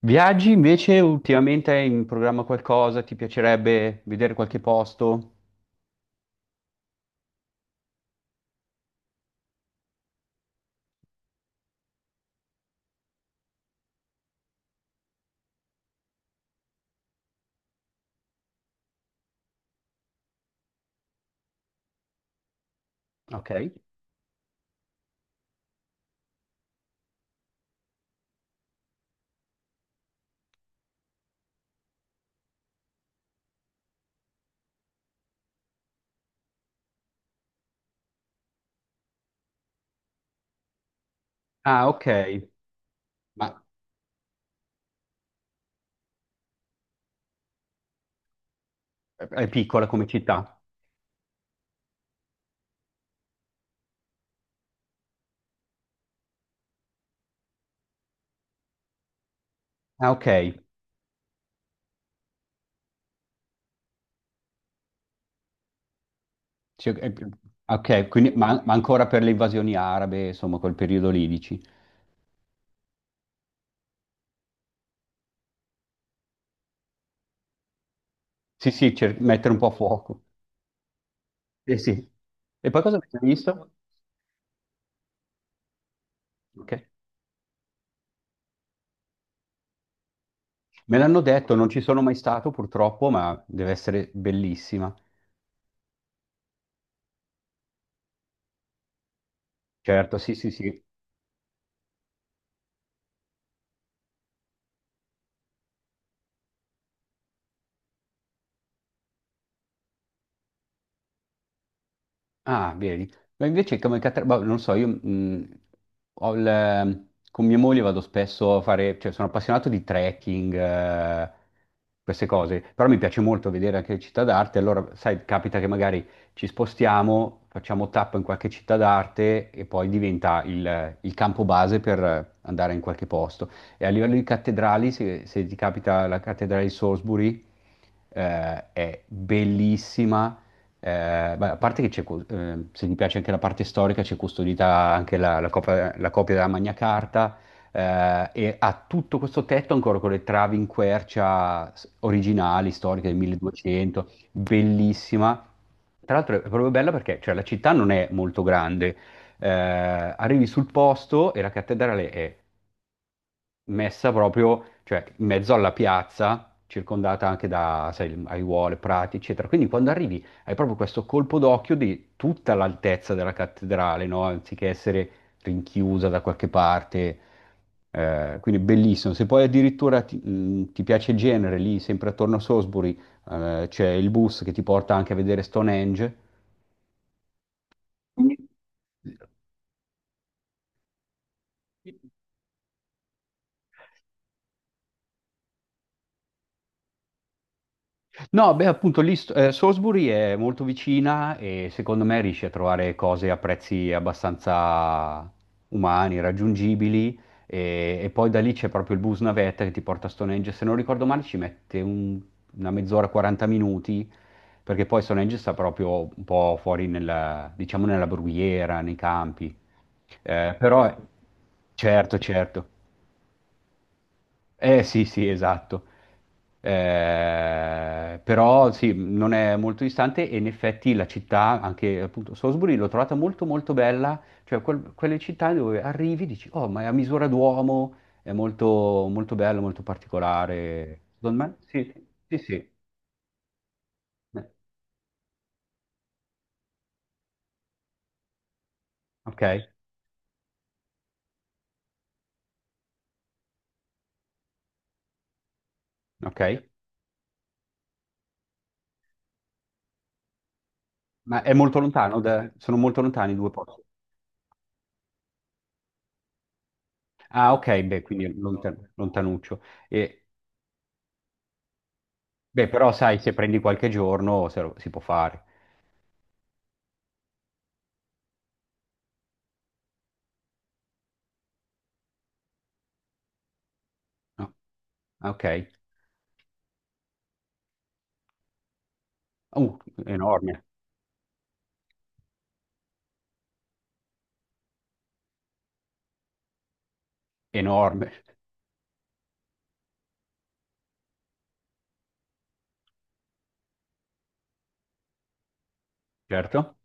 Viaggi invece ultimamente hai in programma qualcosa? Ti piacerebbe vedere qualche posto? Ok. Ah, ok. Ma è piccola come città. Ah, ok. Sì, ok, quindi, ma ancora per le invasioni arabe, insomma, quel periodo lì, dici. Sì, sì, mettere un po' a fuoco. Eh sì. E poi cosa avete visto? Ok. Me l'hanno detto, non ci sono mai stato purtroppo, ma deve essere bellissima. Certo, sì, sì, sì. Ah, vedi. Ma invece come catena, boh, non lo so, io con mia moglie vado spesso a fare, cioè sono appassionato di trekking, queste cose, però mi piace molto vedere anche le città d'arte, allora sai, capita che magari ci spostiamo, facciamo tappa in qualche città d'arte e poi diventa il campo base per andare in qualche posto. E a livello di cattedrali, se ti capita la cattedrale di Salisbury, è bellissima. Eh, beh, a parte che se ti piace anche la parte storica, c'è custodita anche la copia della Magna Carta, e ha tutto questo tetto ancora con le travi in quercia originali, storiche del 1200, bellissima. Tra l'altro è proprio bella perché, cioè, la città non è molto grande, arrivi sul posto e la cattedrale è messa proprio, cioè, in mezzo alla piazza, circondata anche da, sai, aiuole, prati, eccetera. Quindi quando arrivi hai proprio questo colpo d'occhio di tutta l'altezza della cattedrale, no? Anziché essere rinchiusa da qualche parte. Quindi bellissimo. Se poi addirittura ti piace il genere, lì sempre attorno a Salisbury, c'è il bus che ti porta anche a vedere Stonehenge. No, beh, appunto lì Salisbury è molto vicina e secondo me riesci a trovare cose a prezzi abbastanza umani, raggiungibili, e poi da lì c'è proprio il bus navetta che ti porta a Stonehenge. Se non ricordo male ci mette una mezz'ora, 40 minuti, perché poi Stonehenge sta proprio un po' fuori nella, diciamo, nella brughiera, nei campi. Però, certo, certo. Eh sì, sì, esatto. Però sì, non è molto distante e in effetti la città, anche appunto Salisbury, l'ho trovata molto molto bella, cioè quelle città dove arrivi e dici, oh, ma è a misura d'uomo, è molto, molto bello, molto particolare. Secondo me, sì, sì, sì. Eh, Ok, ok. Ma è molto lontano, sono molto lontani i due posti. Ah, ok, beh, quindi lontanuccio. E, beh, però sai, se prendi qualche giorno, se lo- si può fare. No? Ok. Uh, enorme, enorme, certo.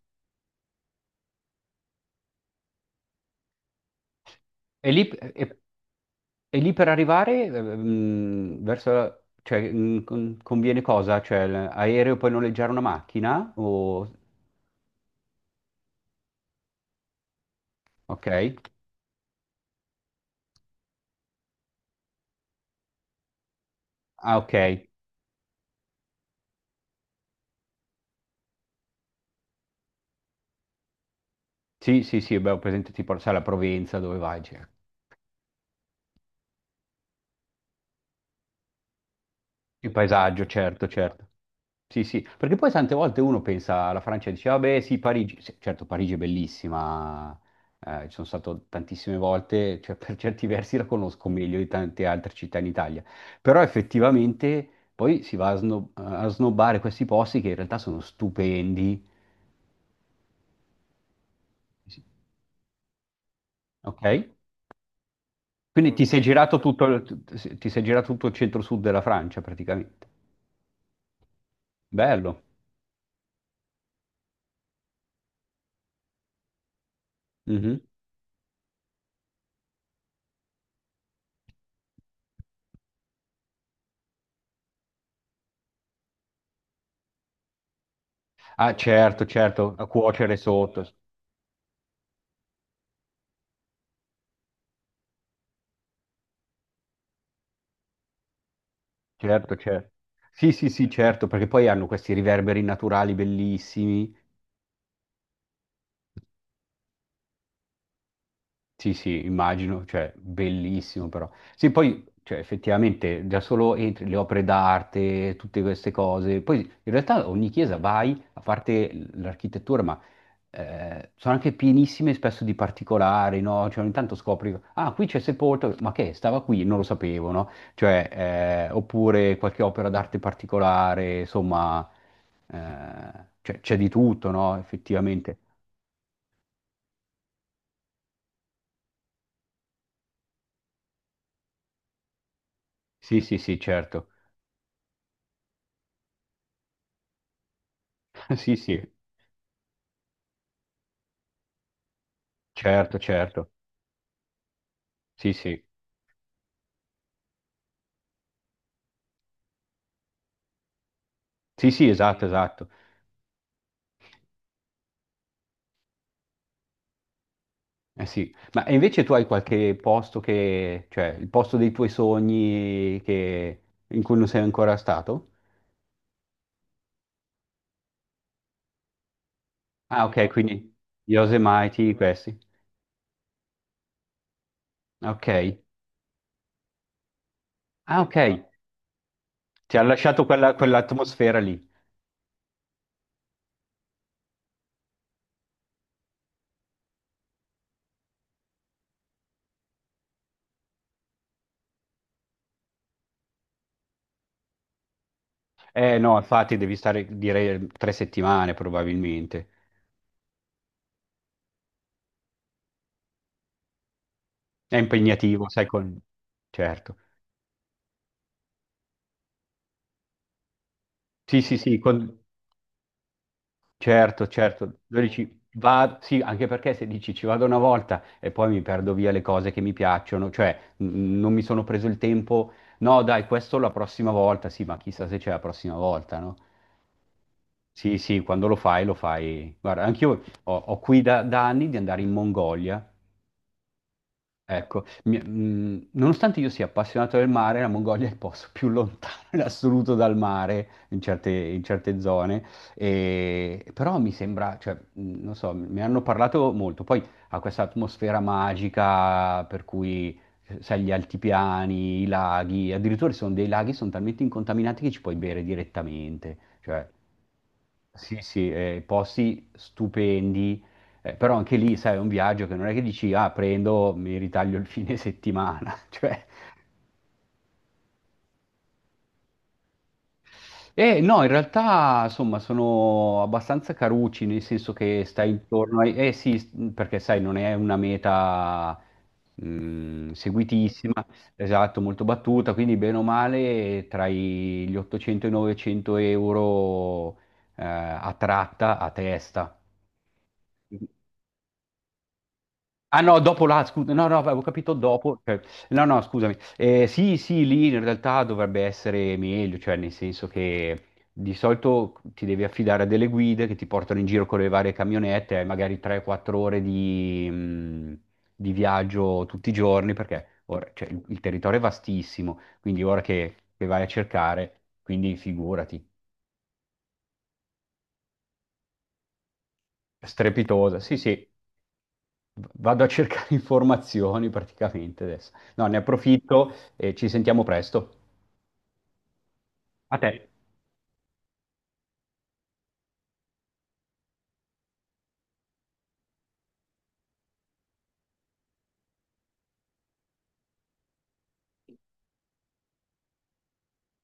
E lì, per arrivare cioè, conviene cosa? Cioè, l'aereo puoi noleggiare una macchina? Ok. Ah, ok. Sì, sì, sì, beh, ho presente tipo, sai, la Provenza, dove vai? Cioè. Il paesaggio, certo, certo. Sì, sì, perché poi tante volte uno pensa alla Francia e dice, vabbè, sì, Parigi, sì, certo, Parigi è bellissima, ci sono stato tantissime volte, cioè per certi versi la conosco meglio di tante altre città in Italia, però effettivamente poi si va a, a snobbare questi posti che in realtà sono stupendi. Sì. Ok? Quindi ti sei girato, assolutamente, tutto il, tu- ti sei girato tutto il centro-sud della Francia praticamente, bello. Mhm. Ah, certo, assolutamente, certo, a cuocere sotto. Certo, certo. Sì, sì, sì, certo, perché poi hanno questi riverberi naturali bellissimi. Sì, sì, immagino, cioè, bellissimo però. Sì, poi, cioè, effettivamente, già solo entri, le opere d'arte, tutte queste cose. Poi, in realtà, ogni chiesa vai, a parte l'architettura, ma sono anche pienissime spesso di particolari, no? Cioè, ogni tanto scopri, ah, qui c'è sepolto, ma che, stava qui, non lo sapevo, no? Cioè, oppure qualche opera d'arte particolare, insomma, cioè, c'è di tutto, no? Effettivamente. Sì, sì, sì, certo. Sì, sì. Certo, certo. Sì, sì. Sì, sì, esatto, esatto. Eh sì. Ma e invece tu hai qualche posto che, cioè il posto dei tuoi sogni in cui non sei ancora stato? Ah, ok, quindi gli Yosemite, questi. Ok. Ah, ok. Ti ha lasciato quell'atmosfera lì. Eh no, infatti devi stare, direi, 3 settimane probabilmente. È impegnativo, sai. Certo. Sì, sì, sì, Certo, certo, 12 va, sì, anche perché se dici ci vado una volta e poi mi perdo via le cose che mi piacciono, cioè non mi sono preso il tempo. No dai, questo la prossima volta, sì, ma chissà se c'è la prossima volta, no? Sì, sì, quando lo fai, lo fai. Guarda, anch'io ho qui da anni di andare in Mongolia. Ecco, nonostante io sia appassionato del mare, la Mongolia è il posto più lontano in assoluto dal mare in certe zone, però mi sembra, cioè, non so, mi hanno parlato molto, poi ha questa atmosfera magica per cui, sai, gli altipiani, i laghi, addirittura ci sono dei laghi che sono talmente incontaminati che ci puoi bere direttamente, cioè, sì, sì, posti stupendi, però anche lì, sai, è un viaggio che non è che dici, ah, prendo, mi ritaglio il fine settimana, cioè. No, in realtà, insomma, sono abbastanza carucci, nel senso che stai intorno. Eh sì, perché sai, non è una meta, seguitissima, esatto, molto battuta, quindi bene o male tra gli 800 e i 900 euro, a tratta, a testa. Ah no, dopo là, scusa, no, no, avevo capito dopo, cioè, no, no, scusami. Sì, sì, lì in realtà dovrebbe essere meglio, cioè nel senso che di solito ti devi affidare a delle guide che ti portano in giro con le varie camionette, hai magari 3-4 ore di viaggio tutti i giorni, perché cioè, il territorio è vastissimo, quindi ora che vai a cercare, quindi figurati, strepitosa, sì, sì. Vado a cercare informazioni praticamente adesso. No, ne approfitto e ci sentiamo presto. A te.